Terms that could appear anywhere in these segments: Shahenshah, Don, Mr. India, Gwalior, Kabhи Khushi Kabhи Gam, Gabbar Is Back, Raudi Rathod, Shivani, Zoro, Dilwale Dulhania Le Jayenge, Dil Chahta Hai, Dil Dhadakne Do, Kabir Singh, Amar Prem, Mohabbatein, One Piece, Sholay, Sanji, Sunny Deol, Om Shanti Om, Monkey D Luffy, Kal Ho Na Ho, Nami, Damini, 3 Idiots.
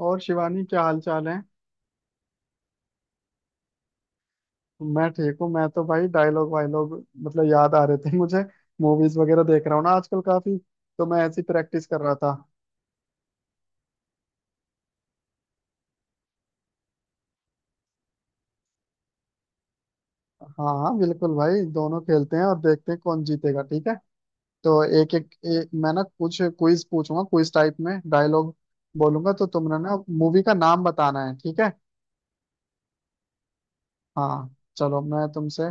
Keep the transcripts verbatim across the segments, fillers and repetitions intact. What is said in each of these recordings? और शिवानी, क्या हाल चाल है? मैं ठीक हूँ। मैं तो भाई डायलॉग वायलॉग मतलब याद आ रहे थे मुझे। मूवीज वगैरह देख रहा हूँ ना आजकल काफी, तो मैं ऐसी प्रैक्टिस कर रहा था। हाँ हाँ बिल्कुल भाई, दोनों खेलते हैं और देखते हैं कौन जीतेगा। ठीक है, तो एक एक, एक मैं ना कुछ क्विज पूछूंगा, क्विज टाइप में डायलॉग बोलूंगा, तो तुमने ना मूवी का नाम बताना है। ठीक है। हाँ चलो मैं तुमसे,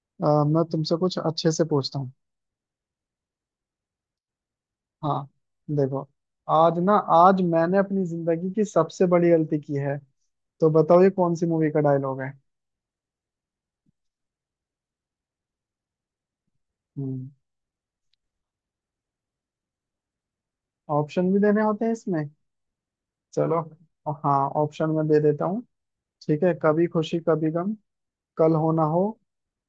अ, मैं तुमसे कुछ अच्छे से पूछता हूँ। हाँ, देखो, आज ना, आज मैंने अपनी जिंदगी की सबसे बड़ी गलती की है। तो बताओ ये कौन सी मूवी का डायलॉग है? हम्म। ऑप्शन भी देने होते हैं इसमें? चलो, हाँ ऑप्शन में दे देता हूँ। ठीक है, कभी खुशी कभी गम, कल हो ना हो,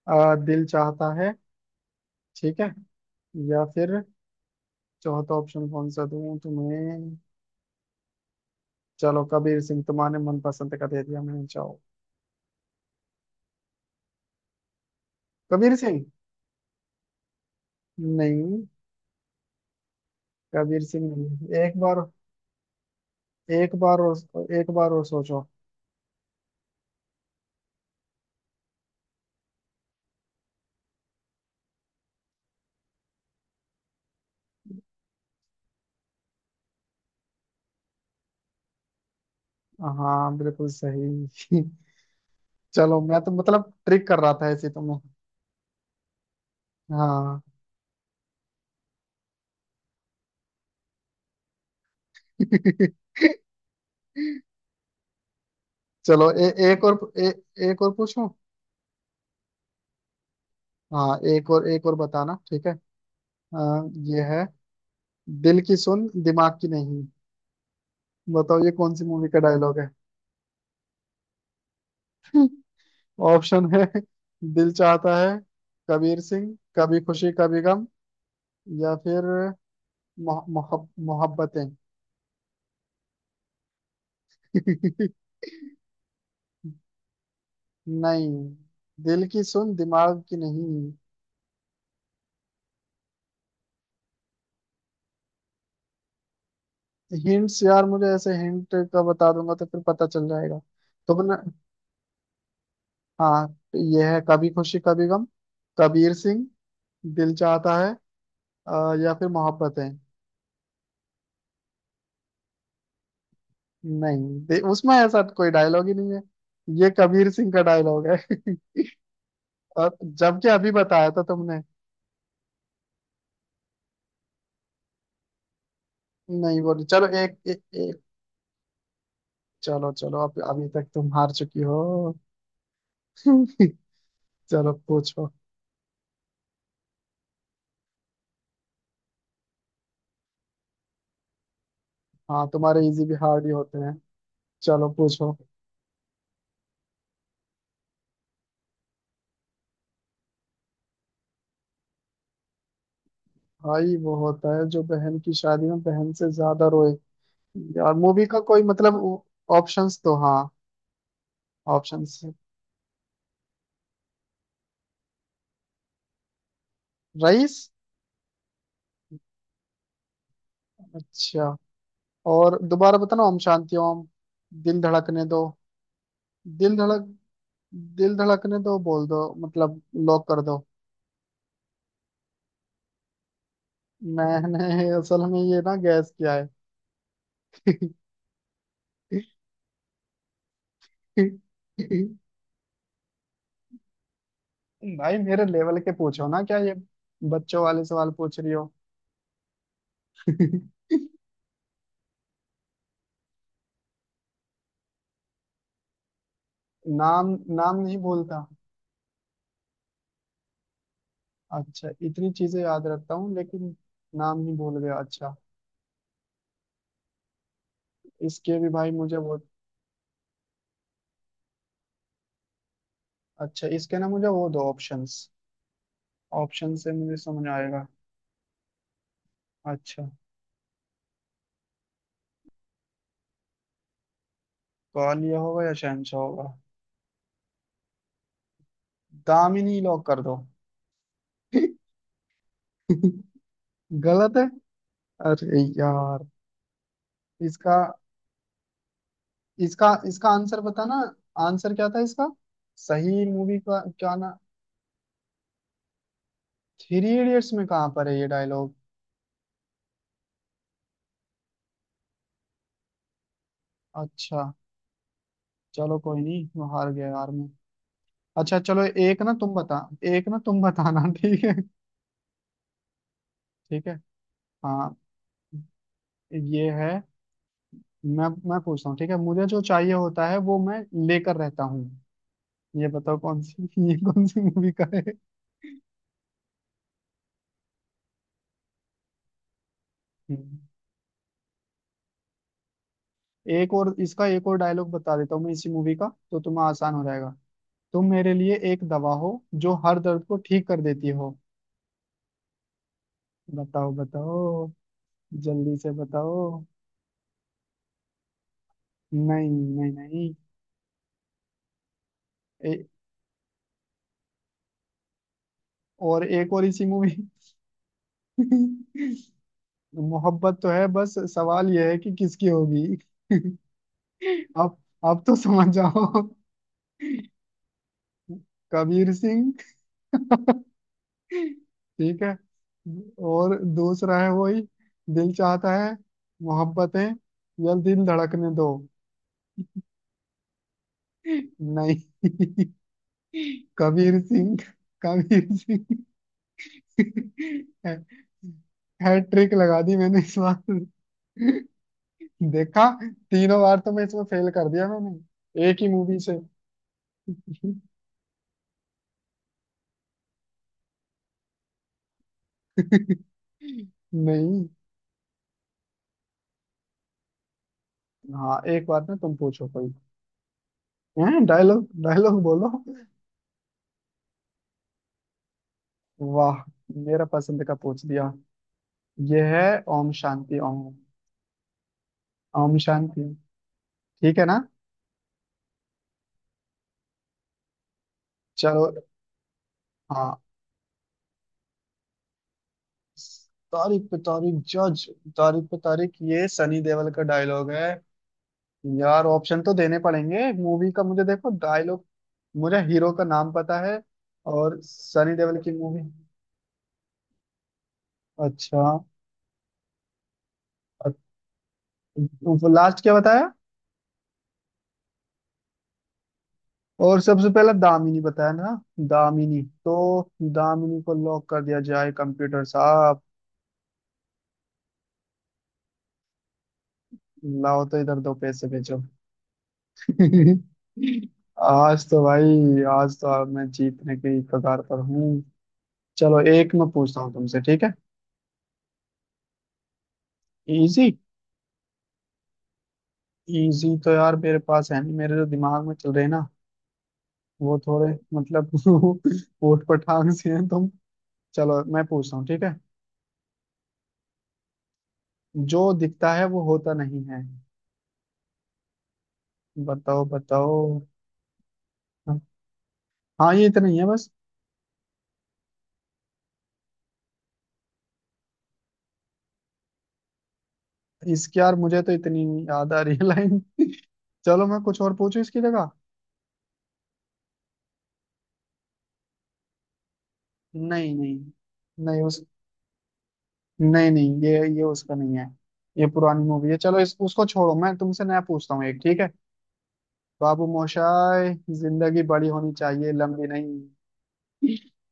आ, दिल चाहता है। ठीक है, या फिर, चौथा ऑप्शन कौन सा दूँ तुम्हें? चलो कबीर सिंह तुम्हारे मनपसंद का दे दिया मैंने, चाहो। कबीर सिंह। नहीं, कबीर सिंह नहीं, एक बार, एक बार और, एक बार और सोचो। हाँ बिल्कुल सही। चलो मैं तो मतलब ट्रिक कर रहा था, ऐसे तो मैं, हाँ। चलो ए, एक और ए, एक और पूछूं। हाँ एक और, एक और बताना ठीक है। आ, ये है, दिल की सुन दिमाग की नहीं। बताओ ये कौन सी मूवी का डायलॉग है? ऑप्शन है, दिल चाहता है, कबीर सिंह, कभी खुशी कभी गम, या फिर मोह- मोहब- मोहब्बतें। नहीं, दिल की सुन दिमाग की नहीं। हिंट्स यार, मुझे ऐसे हिंट का बता दूंगा तो फिर पता चल जाएगा। तुमने, हाँ तो ये है, कभी खुशी कभी गम, कबीर सिंह, दिल चाहता है, अ, या फिर मोहब्बतें। नहीं, दे- उसमें ऐसा कोई डायलॉग ही नहीं है। ये कबीर सिंह का डायलॉग है। और जबकि अभी बताया था तुमने। नहीं बोली, चलो एक एक, एक। चलो चलो, अब अभी तक तुम हार चुकी हो। चलो पूछो। हाँ, तुम्हारे इजी भी हार्ड ही होते हैं। चलो पूछो। भाई वो होता है जो बहन की शादी में बहन से ज्यादा रोए। यार मूवी का कोई मतलब, ऑप्शंस तो हाँ। Options, rice. अच्छा, और दोबारा बताना, ओम शांति ओम, दिल धड़कने दो। दिल धड़क दिल धड़कने दो बोल दो मतलब, लॉक कर दो। मैंने असल में ये ना गैस किया है। भाई मेरे लेवल के पूछो ना, क्या ये बच्चों वाले सवाल पूछ रही हो? नाम। नाम नहीं भूलता। अच्छा, इतनी चीजें याद रखता हूँ लेकिन, नाम ही भूल गया, अच्छा। इसके भी भाई मुझे वो, अच्छा इसके ना मुझे वो दो ऑप्शंस, ऑप्शन से मुझे समझ आएगा। अच्छा, ग्वालियर होगा या शहनशाह होगा। दामिनी लॉक कर दो। गलत है, अरे यार। इसका इसका इसका आंसर पता ना, आंसर क्या था इसका, सही मूवी का क्या ना। थ्री इडियट्स में कहाँ पर है ये डायलॉग? अच्छा, चलो कोई नहीं, मैं हार गया यार मैं। अच्छा चलो एक ना तुम बता, एक ना तुम बताना। ठीक है। ठीक है। हाँ, ये है। मैं मैं पूछता हूँ ठीक है, मुझे जो चाहिए होता है वो मैं लेकर रहता हूँ। ये बताओ कौन सी, ये कौन सी मूवी का है? हम्म। एक और इसका, एक और डायलॉग बता देता हूँ मैं इसी मूवी का, तो तुम्हें आसान हो जाएगा। तुम मेरे लिए एक दवा हो, जो हर दर्द को ठीक कर देती हो। बताओ बताओ। जल्दी से बताओ। नहीं नहीं नहीं। ए, और एक और इसी मूवी। मोहब्बत तो है, बस सवाल यह है कि किसकी होगी। आप आप तो समझ जाओ। कबीर सिंह। ठीक है। और दूसरा है वही, दिल चाहता है, मोहब्बतें, या दिल धड़कने दो। नहीं, कबीर सिंह, कबीर सिंग। हैट्रिक लगा दी मैंने इस बार। देखा, तीनों बार तो मैं इसमें फेल कर दिया मैंने एक ही मूवी से। नहीं हाँ, एक बात ना तुम पूछो कोई, हैं डायलॉग डायलॉग बोलो। वाह, मेरा पसंद का पूछ दिया। ये है ओम शांति ओम। ओम शांति, ठीक है ना। चलो, हाँ। तारीख पे तारीख जज, तारीख पे तारीख, ये सनी देओल का डायलॉग है। यार ऑप्शन तो देने पड़ेंगे मूवी का, मुझे देखो डायलॉग, मुझे हीरो का नाम पता है, और सनी देओल की मूवी। अच्छा, लास्ट क्या बताया, और सबसे पहला दामिनी बताया ना। दामिनी, तो दामिनी को लॉक कर दिया जाए कंप्यूटर साहब। लाओ तो इधर दो पैसे भेजो। आज तो भाई, आज तो अब मैं जीतने की कगार पर हूँ। चलो एक मैं पूछता हूँ तुमसे, ठीक है। इजी, इजी तो यार मेरे पास है नहीं, मेरे जो दिमाग में चल रहे हैं ना, वो थोड़े मतलब ऊट पटांग से हैं तुम। चलो मैं पूछता हूँ ठीक है, जो दिखता है वो होता नहीं है। बताओ बताओ। हाँ ये इतना ही है बस। इसकी यार मुझे तो इतनी याद आ रही है लाइन। चलो मैं कुछ और पूछूं इसकी जगह। नहीं नहीं नहीं, उस, नहीं नहीं, ये ये उसका नहीं है। ये पुरानी मूवी है, चलो इस उसको छोड़ो, मैं तुमसे नया पूछता हूँ एक ठीक है। बाबू मोशाय, जिंदगी बड़ी होनी चाहिए, लंबी नहीं।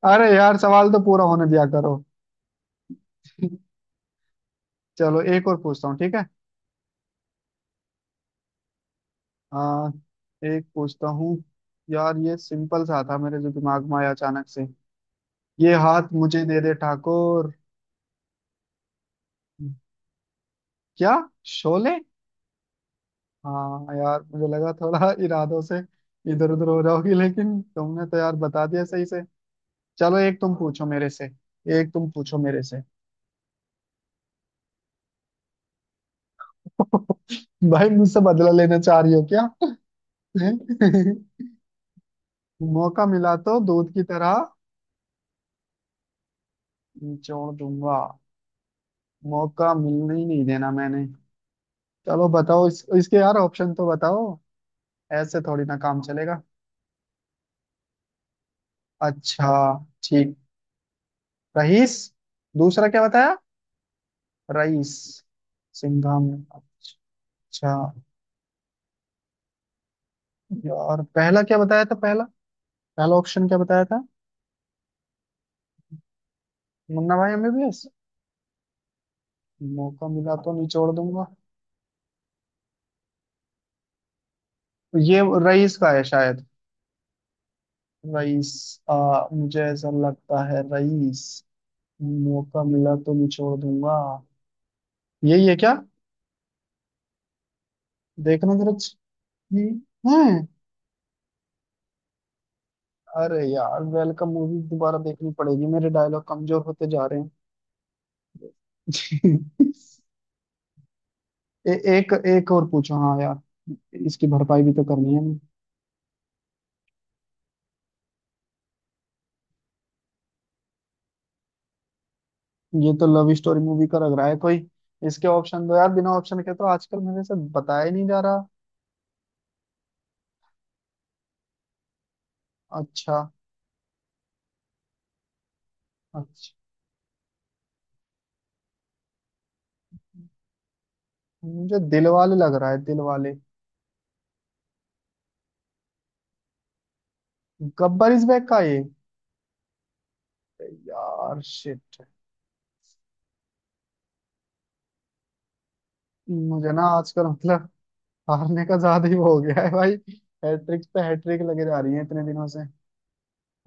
अरे यार, सवाल तो पूरा होने दिया करो। चलो एक और पूछता हूँ ठीक है, आ, एक पूछता हूँ। यार ये सिंपल सा था, मेरे जो दिमाग में आया अचानक से। ये हाथ मुझे दे दे ठाकुर। क्या, शोले? हाँ, यार मुझे लगा थोड़ा इरादों से इधर उधर हो जाओगी, लेकिन तुमने तो यार बता दिया सही से। चलो एक तुम पूछो मेरे से, एक तुम पूछो मेरे से। भाई, मुझसे बदला लेना चाह रही हो क्या? मौका मिला तो दूध की तरह निचोड़ दूंगा। मौका मिलने ही नहीं देना मैंने। चलो बताओ, इस, इसके यार ऑप्शन तो बताओ, ऐसे थोड़ी ना काम चलेगा। अच्छा, ठीक। रईस। दूसरा क्या बताया, राइस, सिंघा में। अच्छा, यार पहला क्या बताया था, पहला पहला ऑप्शन क्या बताया था? मुन्ना भाई, हमें भी। मौका मिला तो निचोड़ दूंगा, ये रईस का है शायद। रईस, आ, मुझे ऐसा लगता है, रईस। मौका मिला तो निचोड़ दूंगा, यही है क्या? देखना जरा। ये है। अरे यार, वेलकम मूवी दोबारा देखनी पड़ेगी, मेरे डायलॉग कमजोर होते जा रहे हैं। ए, एक एक और पूछो हाँ यार, इसकी भरपाई भी तो करनी है। ये तो लव स्टोरी मूवी का लग रहा है कोई, इसके ऑप्शन दो यार, बिना ऑप्शन के तो आजकल मेरे से बताया ही नहीं जा रहा। अच्छा। अच्छा, मुझे दिल वाले लग रहा है, Dilwale. Gabbar is back का ये? यार शिट। मुझे ना आजकल मतलब हारने का ज्यादा ही वो हो गया है भाई। हैट्रिक पे हैट्रिक लगे जा रही है इतने दिनों से।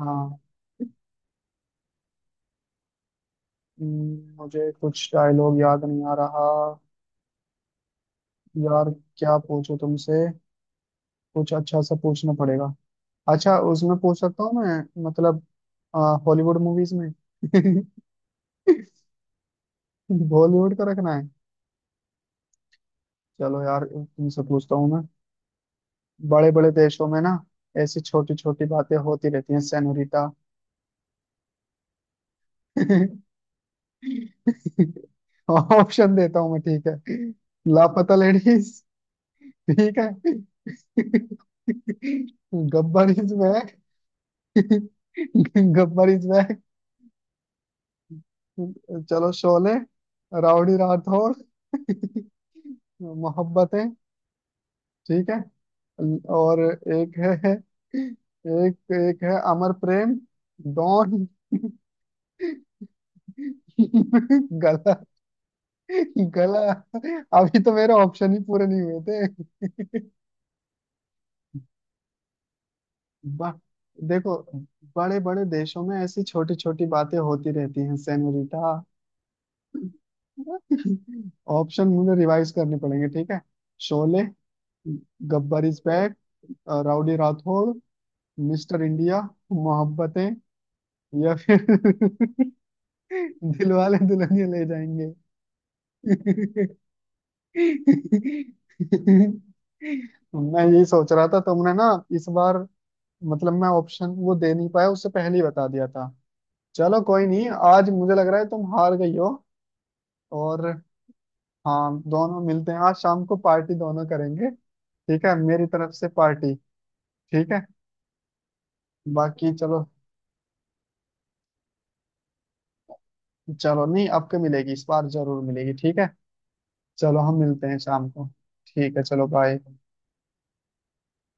हाँ। हम्म, मुझे कुछ डायलॉग याद नहीं आ रहा। यार, क्या पूछो तुमसे, कुछ अच्छा सा पूछना पड़ेगा। अच्छा, उसमें पूछ सकता हूँ मैं मतलब हॉलीवुड मूवीज में। बॉलीवुड का रखना है। चलो यार तुमसे पूछता हूँ मैं, बड़े बड़े देशों में ना, ऐसी छोटी छोटी बातें होती रहती हैं सेनोरिटा। ऑप्शन देता हूँ मैं, ठीक है। लापता लेडीज, ठीक है। Gabbar is back. Gabbar is back, चलो शोले, राउडी राठौर, मोहब्बतें, ठीक है, और एक है, एक एक है अमर प्रेम, डॉन। गला, गला, अभी तो मेरे ऑप्शन ही पूरे नहीं हुए थे। ब, देखो, बड़े बड़े देशों में ऐसी छोटी छोटी बातें होती रहती हैं सेनोरिटा। ऑप्शन मुझे रिवाइज करने पड़ेंगे, ठीक है। Sholay, Gabbar is back, rowdy Rathore, mister India, Mohabbatein, या फिर दिलवाले दुल्हनिया ले जाएंगे। मैं यही सोच रहा था तुमने ना, इस बार मतलब मैं ऑप्शन वो दे नहीं पाया, उससे पहले ही बता दिया था। चलो कोई नहीं, आज मुझे लग रहा है तुम हार गई हो। और हाँ, दोनों मिलते हैं आज शाम को, पार्टी दोनों करेंगे, ठीक है, मेरी तरफ से पार्टी। ठीक है, बाकी चलो। चलो नहीं, आपको मिलेगी, इस बार जरूर मिलेगी ठीक है। चलो हम मिलते हैं शाम को। ठीक है चलो बाय।